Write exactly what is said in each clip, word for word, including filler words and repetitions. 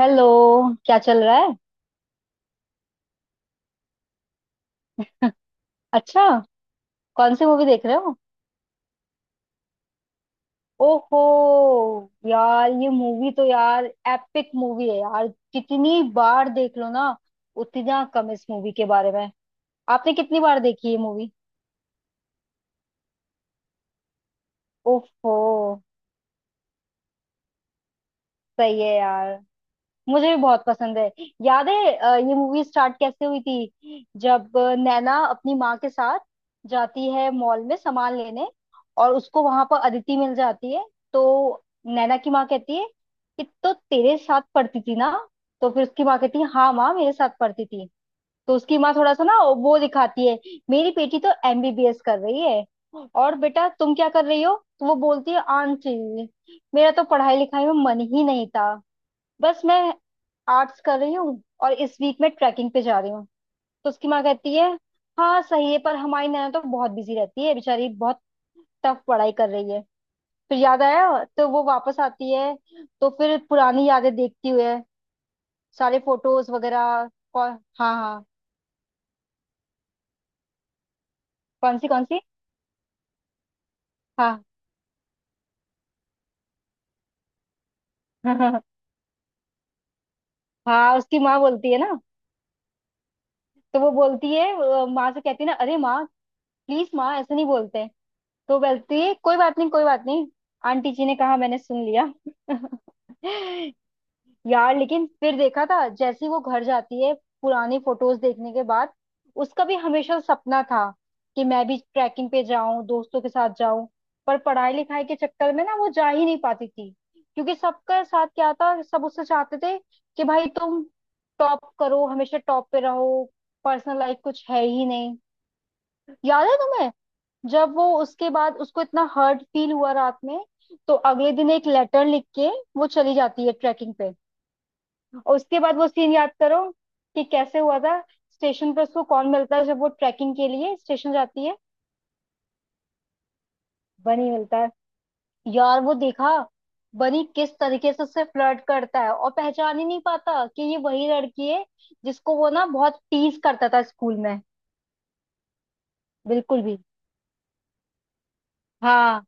Hello. क्या चल रहा है? अच्छा, कौन सी मूवी देख रहे हो? ओहो, यार ये मूवी तो यार एपिक मूवी है यार। जितनी बार देख लो ना, उतना कम इस मूवी के बारे में। आपने कितनी बार देखी ये मूवी? ओहो, सही है यार, मुझे भी बहुत पसंद है। याद है अ, ये मूवी स्टार्ट कैसे हुई थी, जब अ, नैना अपनी माँ के साथ जाती है मॉल में सामान लेने, और उसको वहां पर अदिति मिल जाती है। तो नैना की माँ कहती है कि तो तेरे साथ पढ़ती थी ना। तो फिर उसकी माँ कहती है, हाँ माँ मेरे साथ पढ़ती थी। तो उसकी माँ थोड़ा सा ना वो दिखाती है, मेरी बेटी तो एमबीबीएस कर रही है, और बेटा तुम क्या कर रही हो? तो वो बोलती है, आंटी मेरा तो पढ़ाई लिखाई में मन ही नहीं था, बस मैं आर्ट्स कर रही हूँ और इस वीक में ट्रैकिंग पे जा रही हूँ। तो उसकी माँ कहती है, हाँ सही है, पर हमारी नैना तो बहुत बिजी रहती है बेचारी, बहुत टफ पढ़ाई कर रही है। फिर याद आया, तो वो वापस आती है। तो फिर पुरानी यादें देखती हुए सारे फोटोज वगैरह कौन। हाँ हाँ। कौन सी कौन सी? हाँ। हाँ उसकी माँ बोलती है ना, तो वो बोलती है, अ, माँ से कहती है ना, अरे माँ प्लीज, माँ ऐसे नहीं बोलते। तो बोलती है, कोई बात नहीं कोई बात नहीं, आंटी जी ने कहा मैंने सुन लिया। यार लेकिन फिर देखा था, जैसे ही वो घर जाती है पुरानी फोटोज देखने के बाद, उसका भी हमेशा सपना था कि मैं भी ट्रैकिंग पे जाऊं, दोस्तों के साथ जाऊं, पर पढ़ाई लिखाई के चक्कर में ना वो जा ही नहीं पाती थी। क्योंकि सबका साथ क्या था, सब उससे चाहते थे कि भाई तुम टॉप करो, हमेशा टॉप पे रहो, पर्सनल लाइफ कुछ है ही नहीं। याद है जब वो, उसके बाद उसको इतना हर्ट फील हुआ रात में, तो अगले दिन एक लेटर लिख के वो चली जाती है ट्रैकिंग पे। और उसके बाद वो सीन याद करो कि कैसे हुआ था। स्टेशन पर उसको कौन मिलता है जब वो ट्रैकिंग के लिए स्टेशन जाती है? बनी मिलता है। यार वो देखा, बनी किस तरीके से उससे फ्लर्ट करता है और पहचान ही नहीं पाता कि ये वही लड़की है जिसको वो ना बहुत टीज करता था स्कूल में। बिल्कुल भी। हाँ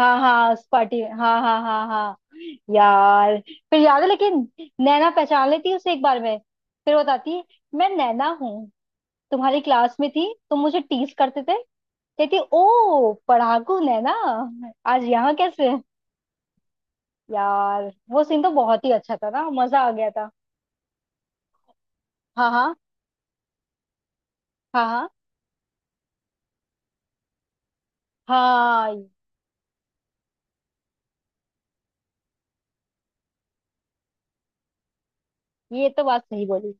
हाँ, हाँ उस पार्टी में, हाँ हाँ हाँ हाँ। यार फिर याद है लेकिन, नैना पहचान लेती है उसे एक बार में। फिर वो बताती है, मैं नैना हूँ, तुम्हारी क्लास में थी, तुम मुझे टीज करते थे, कहती ओ पढ़ाकू नैना, आज यहाँ कैसे? यार वो सीन तो बहुत ही अच्छा था ना, मजा आ गया था। हाँ हाँ हाँ हाँ हाँ। ये तो बात सही बोली।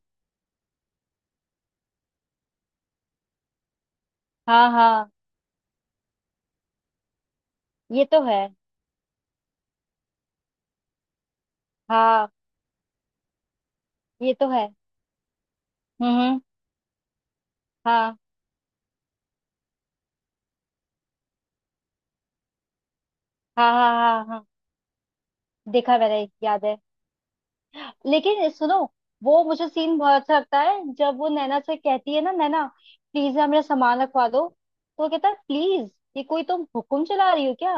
हाँ हाँ ये तो है। हाँ ये तो है। हम्म हम्म, हाँ हाँ हाँ हाँ हाँ। देखा मैंने, याद है लेकिन, सुनो, वो मुझे सीन बहुत अच्छा लगता है जब वो नैना से कहती है ना, नैना प्लीज ना मेरा सामान रखवा दो। तो वो कहता है, प्लीज, ये कोई तुम हुक्म चला रही हो क्या?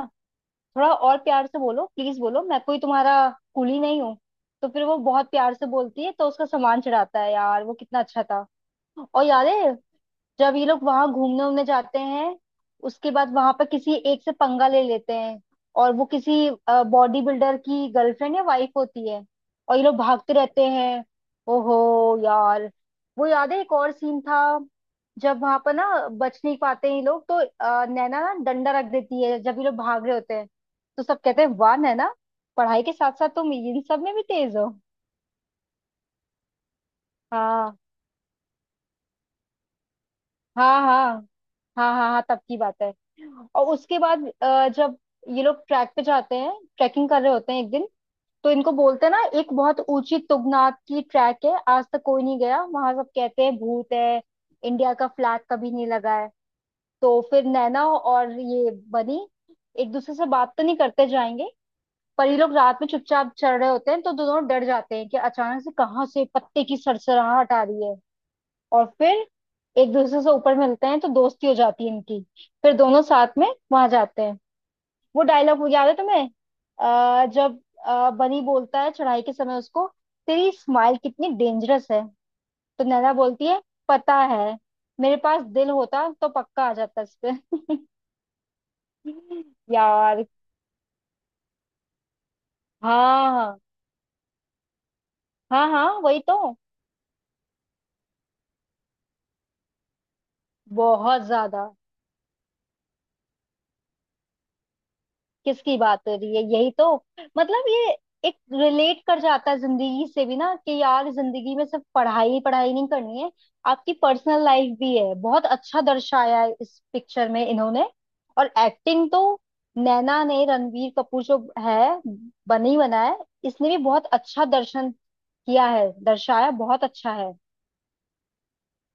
थोड़ा और प्यार से बोलो, प्लीज बोलो, मैं कोई तुम्हारा कुली नहीं हूँ। तो फिर वो बहुत प्यार से बोलती है तो उसका सामान चढ़ाता है। यार वो कितना अच्छा था। और याद है, जब ये लोग वहां घूमने उमने जाते हैं उसके बाद, वहां पर किसी एक से पंगा ले लेते हैं, और वो किसी बॉडी बिल्डर की गर्लफ्रेंड या वाइफ होती है और ये लोग भागते रहते हैं। ओहो यार, वो याद है एक और सीन था, जब वहां पर ना बच नहीं पाते ये लोग, तो अ, नैना ना डंडा रख देती है जब ये लोग भाग रहे होते हैं। तो सब कहते हैं, वाह नैना, पढ़ाई के साथ साथ तुम इन सब में भी तेज हो। हाँ हाँ हाँ हाँ हाँ हाँ तब की बात है। और उसके बाद अ, जब ये लोग ट्रैक पे जाते हैं, ट्रैकिंग कर रहे होते हैं एक दिन, तो इनको बोलते हैं ना एक बहुत ऊंची तुंगनाथ की ट्रैक है, आज तक कोई नहीं गया वहां, सब कहते हैं भूत है, इंडिया का फ्लैग कभी नहीं लगा है। तो फिर नैना और ये बनी एक दूसरे से बात तो नहीं करते जाएंगे, पर ये लोग रात में चुपचाप चल रहे होते हैं तो दोनों डर जाते हैं कि अचानक से कहाँ से पत्ते की सरसराहट आ रही है। और फिर एक दूसरे से ऊपर मिलते हैं तो दोस्ती हो जाती है इनकी। फिर दोनों साथ में वहां जाते हैं। वो डायलॉग याद है तुम्हें, अ, जब अ, बनी बोलता है चढ़ाई के समय उसको, तेरी स्माइल कितनी डेंजरस है। तो नैना बोलती है, पता है, मेरे पास दिल होता तो पक्का आ जाता इस पे। यार। हाँ हाँ हाँ हाँ वही तो, बहुत ज्यादा। किसकी बात हो रही है, यही तो मतलब ये एक रिलेट कर जाता है जिंदगी से भी ना कि यार जिंदगी में सिर्फ पढ़ाई ही पढ़ाई नहीं करनी है, आपकी पर्सनल लाइफ भी है। बहुत अच्छा दर्शाया है इस पिक्चर में इन्होंने। और एक्टिंग तो, नैना ने, रणवीर कपूर जो है बनी बना है, इसने भी बहुत अच्छा दर्शन किया है, दर्शाया बहुत अच्छा है।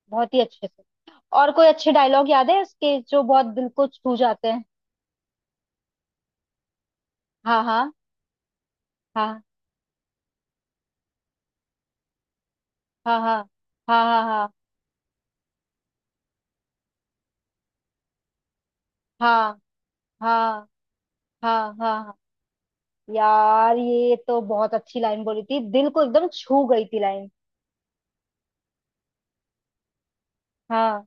बहुत ही अच्छे से। और कोई अच्छे डायलॉग याद है उसके जो बहुत दिल को छू जाते हैं? हाँ हाँ हाँ हाँ हाँ हाँ हाँ हाँ हाँ हाँ हाँ हाँ हाँ। यार ये तो बहुत अच्छी लाइन बोली थी, दिल को एकदम छू गई थी लाइन। हाँ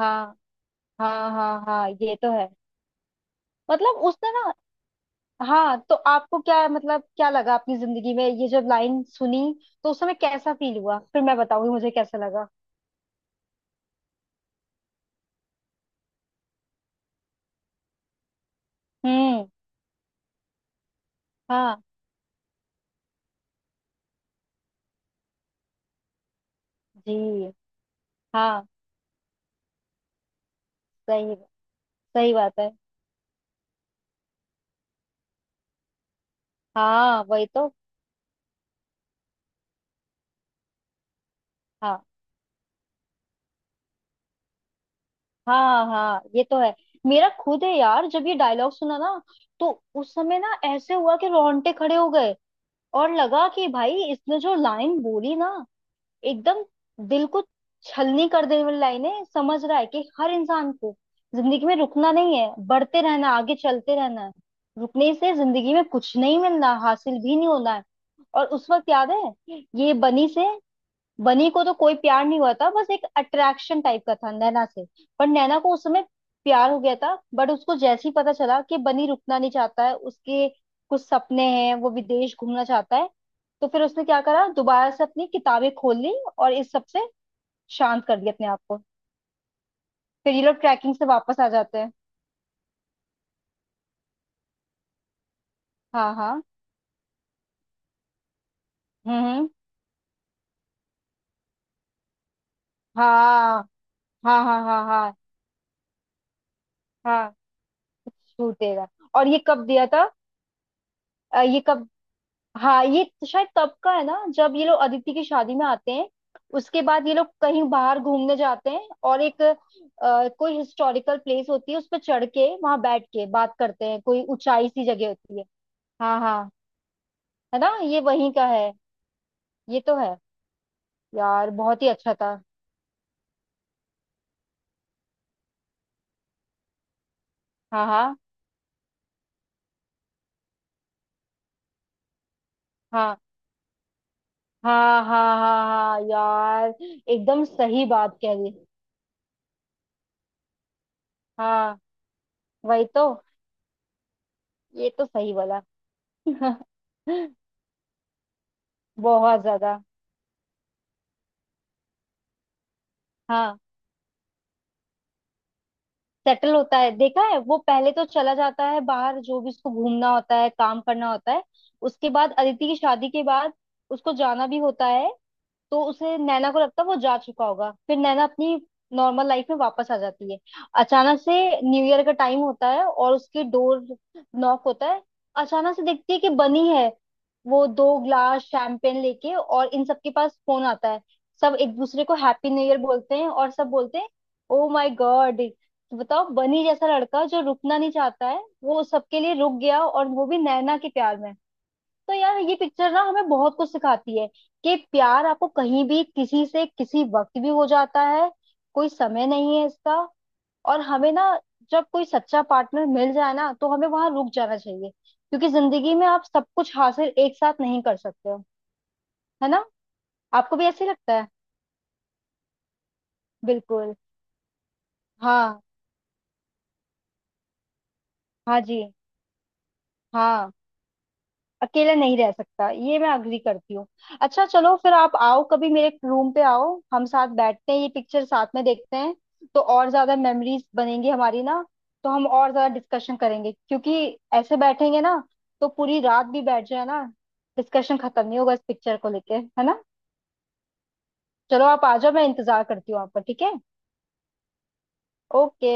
हाँ हाँ हाँ हाँ, ये तो है। मतलब उसने ना, हाँ, तो आपको क्या मतलब क्या लगा अपनी जिंदगी में ये, जब लाइन सुनी तो उस समय कैसा फील हुआ? फिर मैं बताऊंगी मुझे कैसा लगा। हम्म, हाँ जी, हाँ, सही, सही बात है। हाँ वही तो, हाँ हाँ हाँ, ये तो है। मेरा खुद है यार, जब ये डायलॉग सुना ना, तो उस समय ना ऐसे हुआ कि रोंगटे खड़े हो गए। और लगा कि भाई इसने जो लाइन बोली ना, एकदम दिल को छलनी कर देने वाली लाइन है, समझ रहा है कि हर इंसान को जिंदगी में रुकना नहीं है, बढ़ते रहना है, आगे चलते रहना है। रुकने से जिंदगी में कुछ नहीं मिलना, हासिल भी नहीं होना है। और उस वक्त याद है, ये बनी से, बनी को तो कोई प्यार नहीं हुआ था, बस एक अट्रैक्शन टाइप का था नैना से। पर नैना को उस समय प्यार हो गया था, बट उसको जैसे ही पता चला कि बनी रुकना नहीं चाहता है, उसके कुछ सपने हैं, वो विदेश घूमना चाहता है, तो फिर उसने क्या करा, दोबारा से अपनी किताबें खोल ली और इस सब से शांत कर दिया अपने आप को। फिर ये लोग ट्रैकिंग से वापस आ जाते हैं। हाँ हाँ। हम्म हम्म, हाँ हाँ हाँ हाँ हाँ हाँ छूटेगा। और ये कब दिया था? अ, ये कब, हाँ ये तो शायद तब का है ना, जब ये लोग अदिति की शादी में आते हैं उसके बाद ये लोग कहीं बाहर घूमने जाते हैं और एक अ, कोई हिस्टोरिकल प्लेस होती है, उस पर चढ़ के वहां बैठ के बात करते हैं, कोई ऊंचाई सी जगह होती है। हाँ हाँ, है ना, ये वहीं का है। ये तो है। यार बहुत ही अच्छा था। हाँ हाँ हाँ हाँ हाँ हाँ हाँ यार, एकदम सही बात कह रही। हाँ वही तो, ये तो सही बोला। बहुत ज्यादा। हाँ, सेटल होता है, देखा है। वो पहले तो चला जाता है बाहर, जो भी उसको घूमना होता है, काम करना होता है। उसके बाद अदिति की शादी के बाद उसको जाना भी होता है। तो उसे, नैना को लगता है वो जा चुका होगा, फिर नैना अपनी नॉर्मल लाइफ में वापस आ जाती है। अचानक से न्यू ईयर का टाइम होता है और उसकी डोर नॉक होता है। अचानक से देखती है कि बनी है, वो दो ग्लास शैंपेन लेके, और इन सबके पास फोन आता है, सब एक दूसरे को हैप्पी न्यू ईयर बोलते हैं, और सब बोलते हैं ओ माय गॉड, बताओ बनी जैसा लड़का जो रुकना नहीं चाहता है वो सबके लिए रुक गया और वो भी नैना के प्यार में। तो यार ये पिक्चर ना हमें बहुत कुछ सिखाती है, कि प्यार आपको कहीं भी, किसी से, किसी वक्त भी हो जाता है, कोई समय नहीं है इसका। और हमें ना, जब कोई सच्चा पार्टनर मिल जाए ना, तो हमें वहां रुक जाना चाहिए, क्योंकि जिंदगी में आप सब कुछ हासिल एक साथ नहीं कर सकते हो। है ना, आपको भी ऐसे ही लगता है? बिल्कुल। हाँ, हाँ जी, हाँ, अकेले नहीं रह सकता, ये मैं अग्री करती हूँ। अच्छा चलो, फिर आप आओ कभी मेरे रूम पे, आओ हम साथ बैठते हैं, ये पिक्चर साथ में देखते हैं, तो और ज्यादा मेमोरीज बनेंगी हमारी ना, तो हम और ज्यादा डिस्कशन करेंगे। क्योंकि ऐसे बैठेंगे ना तो पूरी रात भी बैठ जाए ना, डिस्कशन खत्म नहीं होगा इस पिक्चर को लेके, है ना? चलो आप आ जाओ, मैं इंतजार करती हूँ आपका, ठीक है? ओके।